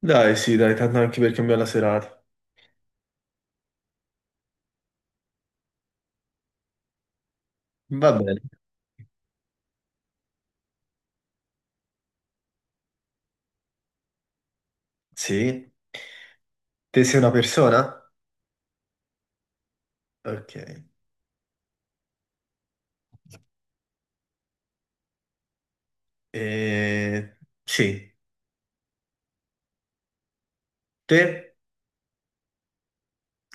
Dai, sì, dai, tanto anche per cambiare la serata. Va bene. Sì, te sei una persona? Ok. Eh, sì, te?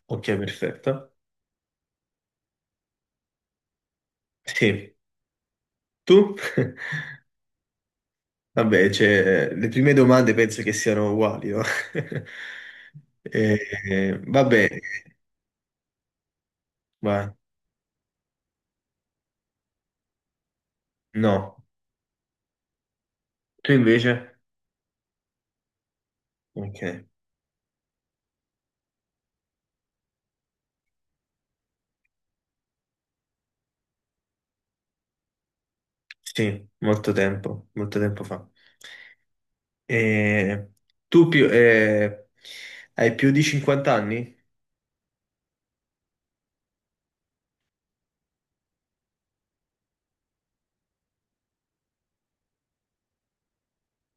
Ok, perfetto. Sì, tu? Vabbè, cioè, le prime domande penso che siano uguali, no? Eh, Vabbè, vai. No. Tu invece? Ok. Sì, molto tempo fa. Eh, Tu più, hai più di 50 anni?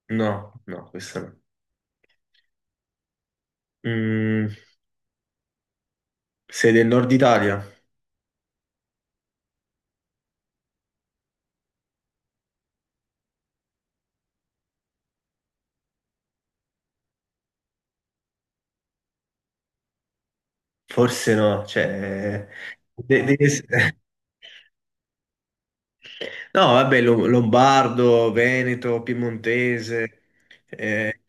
No, no, questo no. Mm, sei del nord Italia? Forse no, cioè... devi essere... No, vabbè, Lombardo, Veneto, Piemontese, eh,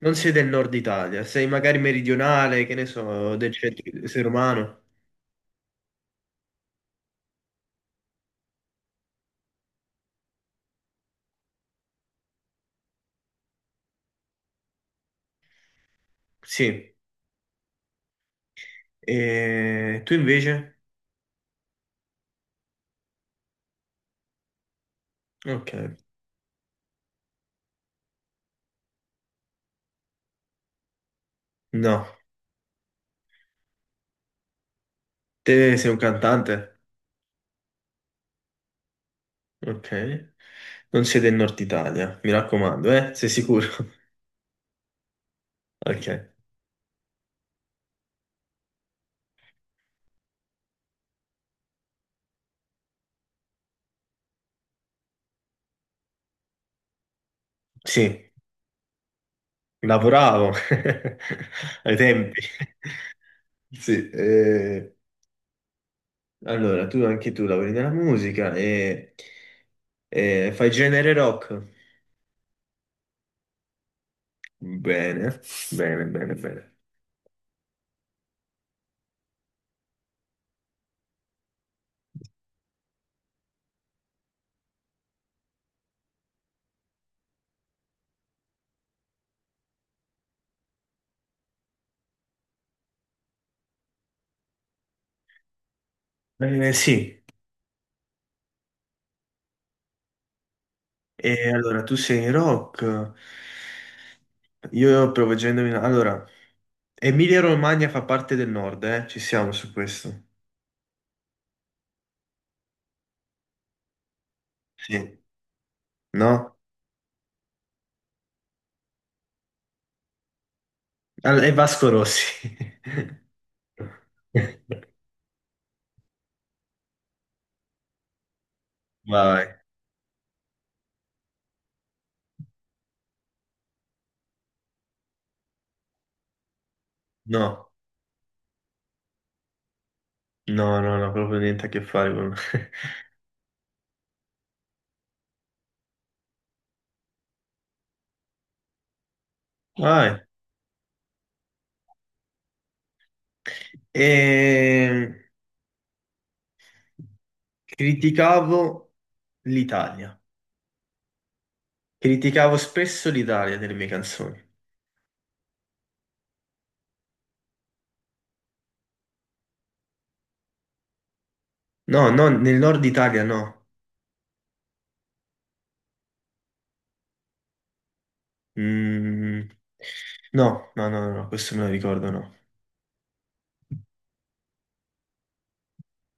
non sei del nord Italia, sei magari meridionale, che ne so, del centro, sei romano? Sì. E tu invece? Ok. No, te sei un cantante? Ok. Non sei del nord Italia, mi raccomando, eh? Sei sicuro? Ok. Sì. Lavoravo ai tempi. Sì, eh, allora tu anche tu lavori nella musica e fai genere rock? Bene, bene, bene, bene. Sì, e allora tu sei rock. Io provo a indovinare. Allora, Emilia-Romagna fa parte del nord, eh? Ci siamo su questo. Sì. No? E Vasco Rossi. Vai. No. No, no, no, proprio niente a che fare con... Vai. Ehm, Criticavo l'Italia. Criticavo spesso l'Italia nelle mie canzoni. No, no, nel nord Italia no. Mm, no, no, no, no, no, questo me lo ricordo, no.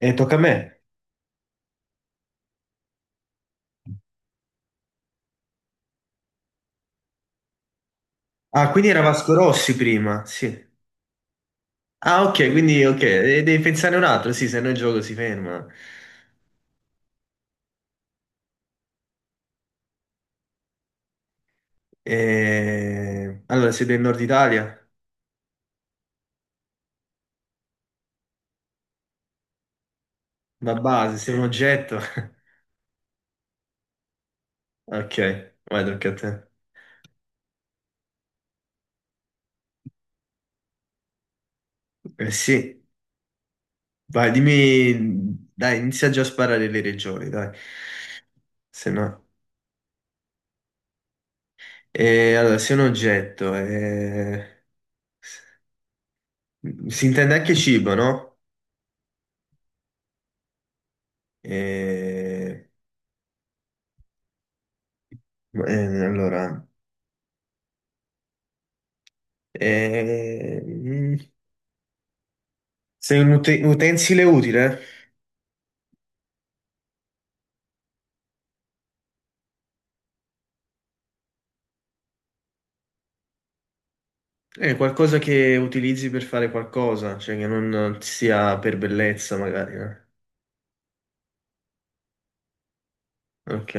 E tocca a me. Ah, quindi era Vasco Rossi prima, sì. Ah, ok, quindi ok, e devi pensare un altro, sì, se no il gioco si ferma. Allora, siete del nord Italia? Ma base, sei un oggetto. Ok, vai, tocca a te. Eh sì, vai, dimmi, dai, inizia già a sparare le regioni, dai, se no. Allora, sei un oggetto, si intende anche cibo, no? Eh, allora, eh, mm, sei un utensile utile? È qualcosa che utilizzi per fare qualcosa, cioè che non sia per bellezza, magari, no? Ok.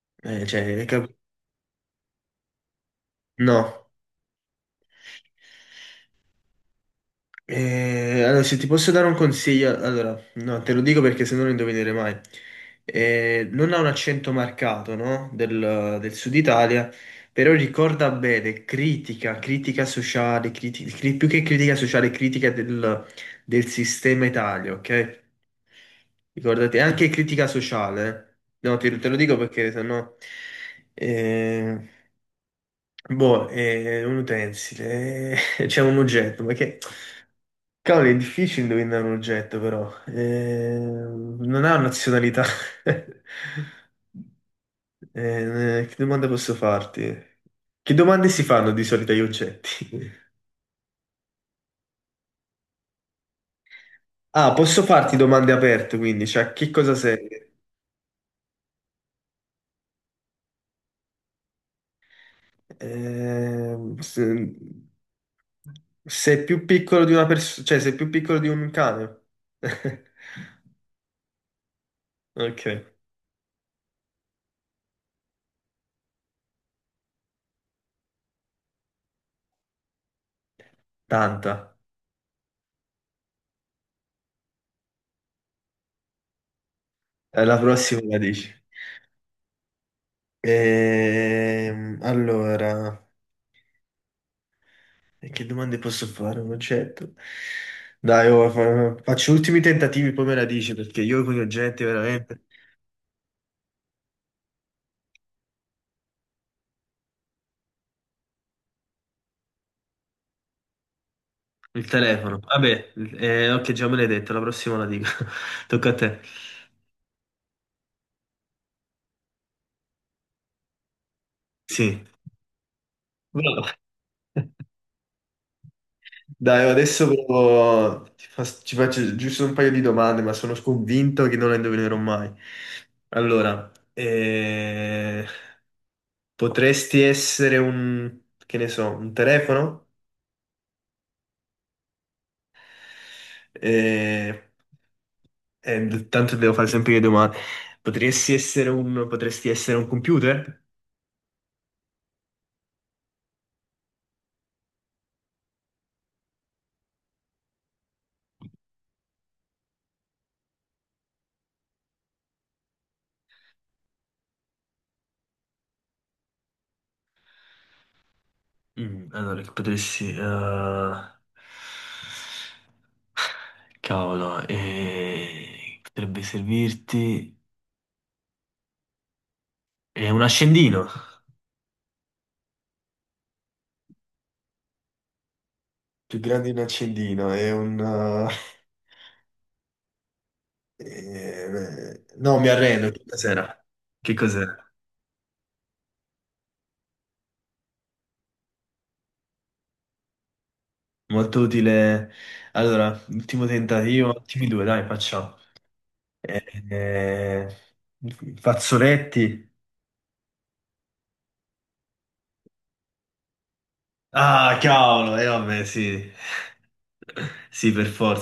Cioè, no. Allora, se ti posso dare un consiglio, allora, no, te lo dico perché se no lo indovinerai mai. Non ha un accento marcato, no? Del, del sud Italia, però ricorda bene, critica, critica sociale, più che critica sociale, critica del, del sistema Italia, ok? Ricordate, anche critica sociale, eh. No, te, te lo dico perché se no... Boh, è un utensile, c'è un oggetto, ma che... Cavolo, è difficile indovinare un oggetto, però. Non ha nazionalità. Che domanda posso farti? Che domande si fanno di solito agli oggetti? Ah, posso farti domande aperte, quindi, cioè, che cosa sei? Ehm, se- sei più piccolo di una persona, cioè, sei più piccolo di un cane? Ok, tanta. La prossima la dici. Allora, e che domande posso fare? Non certo. Dai, oh, faccio ultimi tentativi, poi me la dici, perché io con gli oggetti veramente... Il telefono. Vabbè, ok, già me l'hai detto, la prossima la dico. Tocca a te. Sì. Bravo. Dai, oh, adesso ci faccio giusto un paio di domande, ma sono convinto che non le indovinerò mai. Allora, potresti essere un, che ne so, un telefono? Eh, Tanto devo fare sempre le domande. Potresti essere un computer? Mm, allora, che potresti... cavolo, potrebbe servirti... È un accendino. Più grande di un accendino, è un... eh, no, mi arrendo. Che cos'era? Che cos'era? Molto utile. Allora, ultimo tentativo, ultimi due, dai, facciamo. Eh, eh, Fazzoletti. Ah, cavolo, e vabbè, sì. Sì, per forza.